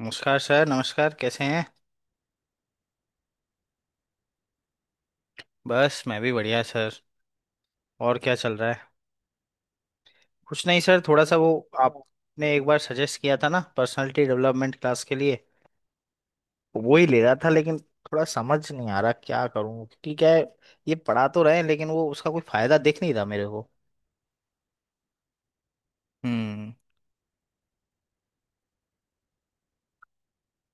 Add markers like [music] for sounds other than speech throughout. नमस्कार सर। नमस्कार, कैसे हैं? बस, मैं भी बढ़िया सर। और क्या चल रहा है? कुछ नहीं सर, थोड़ा सा वो। आपने एक बार सजेस्ट किया था ना पर्सनालिटी डेवलपमेंट क्लास के लिए, तो वो ही ले रहा था, लेकिन थोड़ा समझ नहीं आ रहा क्या करूं, क्योंकि क्या है, ये पढ़ा तो रहे हैं लेकिन वो उसका कोई फायदा दिख नहीं रहा मेरे को। हम्म।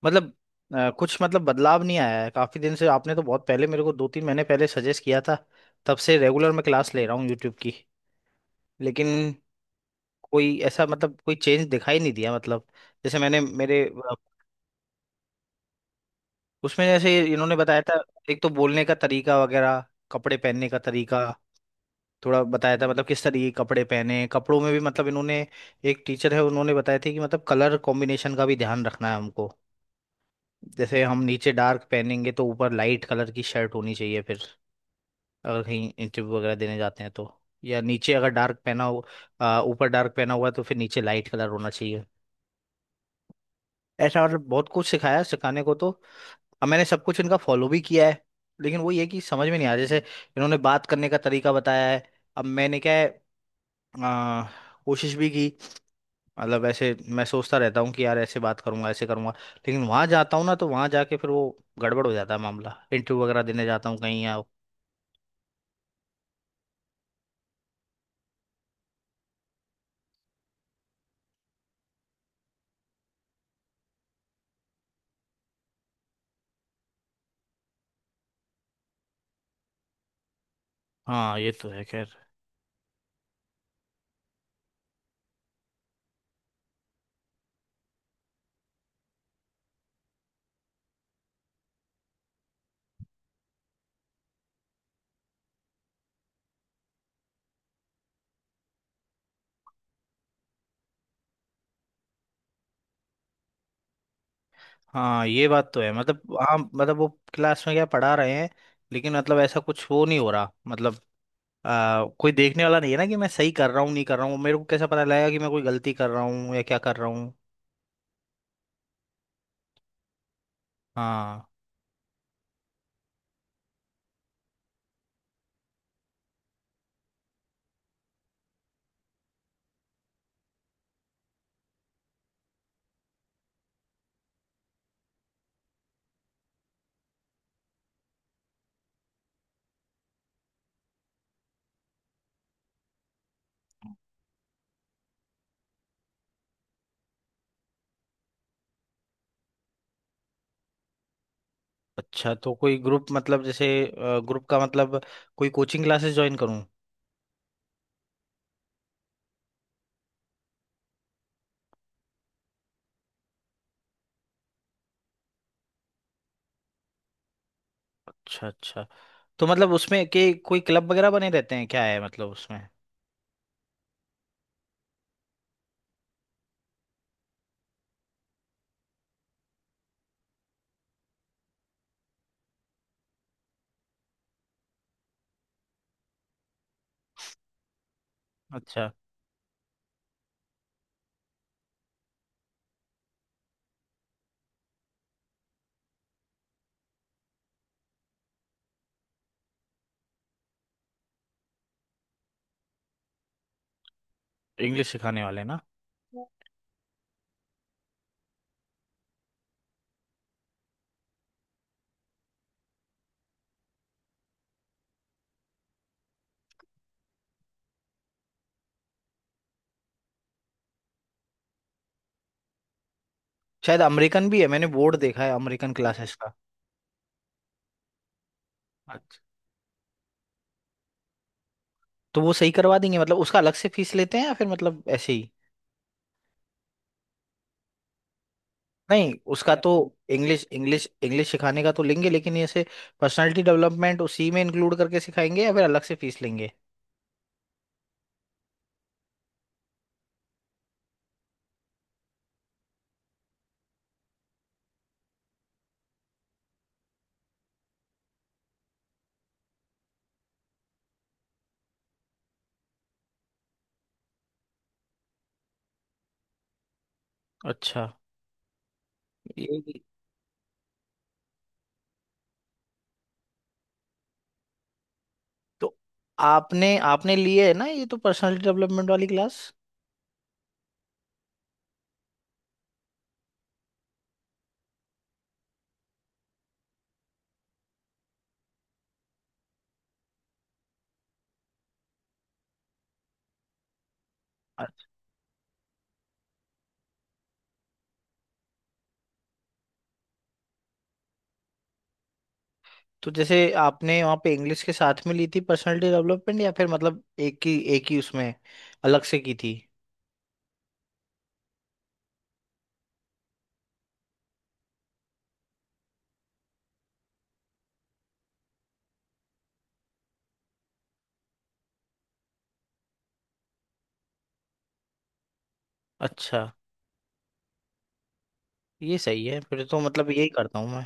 मतलब कुछ मतलब बदलाव नहीं आया है काफी दिन से। आपने तो बहुत पहले मेरे को दो तीन महीने पहले सजेस्ट किया था। तब से रेगुलर मैं क्लास ले रहा हूँ यूट्यूब की। लेकिन कोई ऐसा मतलब कोई चेंज दिखाई नहीं दिया। मतलब जैसे मैंने मेरे अ, उसमें जैसे इन्होंने बताया था, एक तो बोलने का तरीका वगैरह, कपड़े पहनने का तरीका। थोड़ा बताया था मतलब किस तरीके के कपड़े पहने। कपड़ों में भी मतलब इन्होंने, एक टीचर है उन्होंने बताया थे कि मतलब कलर कॉम्बिनेशन का भी ध्यान रखना है हमको। जैसे हम नीचे डार्क पहनेंगे तो ऊपर लाइट कलर की शर्ट होनी चाहिए। फिर अगर कहीं इंटरव्यू वगैरह देने जाते हैं तो, या नीचे अगर डार्क पहना हो, ऊपर डार्क पहना हुआ है, तो फिर नीचे लाइट कलर होना चाहिए। ऐसा मतलब बहुत कुछ सिखाया, सिखाने को तो। अब मैंने सब कुछ इनका फॉलो भी किया है। लेकिन वो ये कि समझ में नहीं आया। जैसे इन्होंने बात करने का तरीका बताया है, अब मैंने क्या है, अ, कोशिश भी की। मतलब ऐसे मैं सोचता रहता हूँ कि यार ऐसे बात करूंगा, ऐसे करूंगा, लेकिन वहां जाता हूँ ना तो वहां जाके फिर वो गड़बड़ हो जाता है मामला। इंटरव्यू वगैरह देने जाता हूँ कहीं या। हाँ ये तो है खैर। हाँ ये बात तो है मतलब। हाँ मतलब वो, क्लास में क्या पढ़ा रहे हैं, लेकिन मतलब ऐसा कुछ वो नहीं हो रहा। मतलब कोई देखने वाला नहीं है ना कि मैं सही कर रहा हूँ नहीं कर रहा हूँ। मेरे को कैसे पता लगेगा कि मैं कोई गलती कर रहा हूँ या क्या कर रहा हूँ? हाँ। अच्छा, तो कोई ग्रुप, मतलब जैसे ग्रुप का मतलब कोई कोचिंग क्लासेस ज्वाइन करूँ? अच्छा, अच्छा। तो मतलब उसमें के कोई क्लब वगैरह बने रहते हैं क्या है, मतलब उसमें? अच्छा। इंग्लिश सिखाने वाले ना? शायद अमेरिकन भी है, मैंने बोर्ड देखा है अमेरिकन क्लासेस का। अच्छा, तो वो सही करवा देंगे? मतलब उसका अलग से फीस लेते हैं या फिर मतलब ऐसे ही? नहीं उसका तो, इंग्लिश इंग्लिश इंग्लिश सिखाने का तो लेंगे, लेकिन ऐसे पर्सनालिटी डेवलपमेंट उसी में इंक्लूड करके सिखाएंगे या फिर अलग से फीस लेंगे? अच्छा। ये भी- तो आपने आपने लिए है ना ये तो पर्सनालिटी डेवलपमेंट वाली क्लास? अच्छा। तो जैसे आपने वहाँ पे इंग्लिश के साथ में ली थी पर्सनालिटी डेवलपमेंट, या फिर मतलब एक ही, एक ही उसमें अलग से की थी? अच्छा, ये सही है फिर तो। मतलब यही करता हूँ मैं।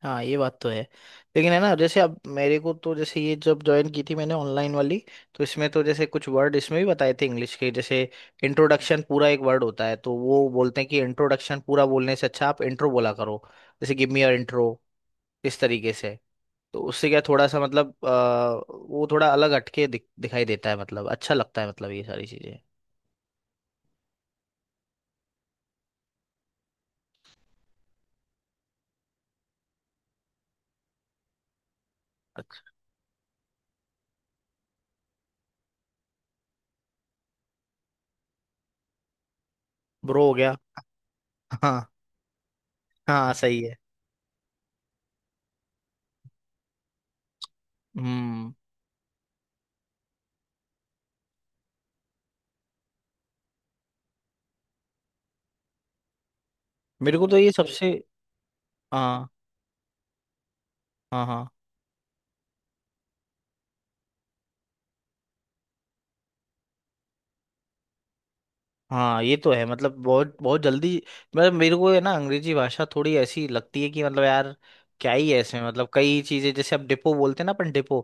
हाँ ये बात तो है। लेकिन है ना जैसे अब मेरे को तो, जैसे ये जब ज्वाइन की थी मैंने ऑनलाइन वाली, तो इसमें तो जैसे कुछ वर्ड इसमें भी बताए थे इंग्लिश के। जैसे इंट्रोडक्शन पूरा एक वर्ड होता है, तो वो बोलते हैं कि इंट्रोडक्शन पूरा बोलने से अच्छा आप इंट्रो बोला करो। जैसे गिव मी योर इंट्रो, इस तरीके से। तो उससे क्या, थोड़ा सा मतलब वो थोड़ा अलग हटके दिखाई देता है। मतलब अच्छा लगता है मतलब ये सारी चीजें। ब्रो हो गया। [laughs] हाँ। हाँ सही है। हम्म। मेरे को तो ये सबसे। हाँ। हाँ, हाँ। हाँ ये तो है। मतलब बहुत बहुत जल्दी। मतलब मेरे को है ना, अंग्रेजी भाषा थोड़ी ऐसी लगती है कि मतलब यार क्या ही है इसमें। मतलब कई चीजें, जैसे अब डिपो बोलते हैं ना, अपन डिपो,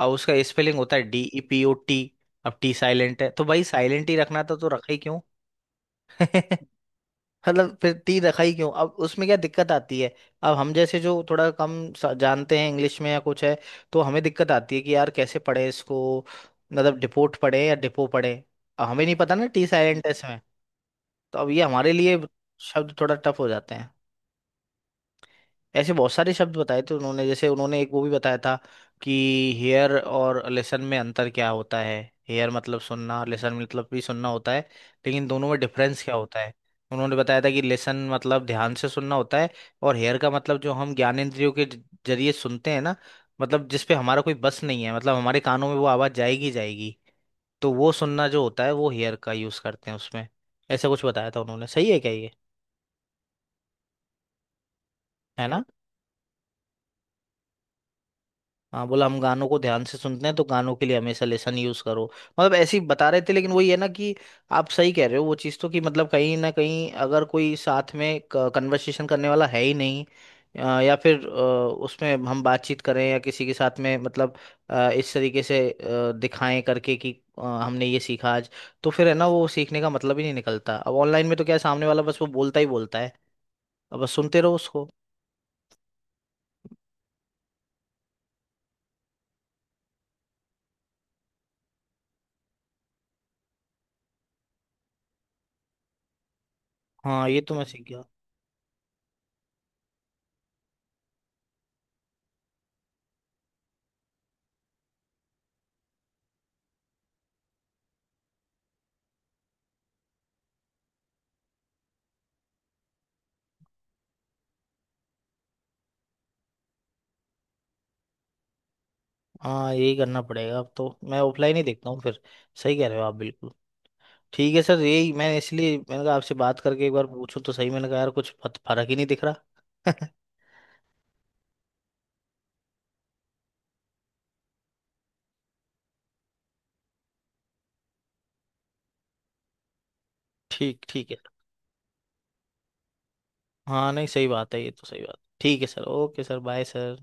अब उसका स्पेलिंग होता है Depot। अब टी साइलेंट है तो भाई साइलेंट ही रखना था तो रखा ही क्यों? [laughs] मतलब फिर तीर रखा ही क्यों? अब उसमें क्या दिक्कत आती है? अब हम जैसे जो थोड़ा कम सा- जानते हैं इंग्लिश में या कुछ है, तो हमें दिक्कत आती है कि यार कैसे पढ़े इसको, मतलब डिपोट पढ़े या डिपो पढ़े? अब हमें नहीं पता ना टी साइलेंट है इसमें, तो अब ये हमारे लिए शब्द थोड़ा टफ हो जाते हैं। ऐसे बहुत सारे शब्द बताए थे उन्होंने। जैसे उन्होंने एक वो भी बताया था कि हेयर और लिसन में अंतर क्या होता है। हेयर मतलब सुनना, लिसन मतलब भी सुनना होता है, लेकिन दोनों में डिफरेंस क्या होता है। उन्होंने बताया था कि लिसन मतलब ध्यान से सुनना होता है, और हेयर का मतलब जो हम ज्ञान इंद्रियों के जरिए सुनते हैं ना, मतलब जिस पे हमारा कोई बस नहीं है, मतलब हमारे कानों में वो आवाज जाएगी ही जाएगी, तो वो सुनना जो होता है वो हेयर का यूज करते हैं उसमें। ऐसा कुछ बताया था उन्होंने। सही है क्या ये? है ना। हाँ बोला हम गानों को ध्यान से सुनते हैं, तो गानों के लिए हमेशा लेसन यूज करो। मतलब ऐसे ही बता रहे थे। लेकिन वही है ना कि, आप सही कह रहे हो वो चीज़ तो, कि मतलब कहीं ना कहीं अगर कोई साथ में कन्वर्सेशन करने वाला है ही नहीं, या फिर उसमें हम बातचीत करें या किसी के साथ में मतलब इस तरीके से दिखाएं करके कि हमने ये सीखा आज, तो फिर है ना वो सीखने का मतलब ही नहीं निकलता। अब ऑनलाइन में तो क्या है, सामने वाला बस वो बोलता ही बोलता है, अब बस सुनते रहो उसको। हाँ ये तो मैं सीख गया। हाँ यही करना पड़ेगा। अब तो मैं ऑफलाइन ही देखता हूँ फिर। सही कह रहे हो आप बिल्कुल। ठीक है सर, यही मैं इसलिए मैंने कहा आपसे बात करके एक बार पूछूं तो सही, मैंने कहा यार कुछ फर्क ही नहीं दिख रहा। [laughs] ठीक, ठीक है। हाँ नहीं, सही बात है ये तो, सही बात। ठीक है sir. Okay sir. Bye sir.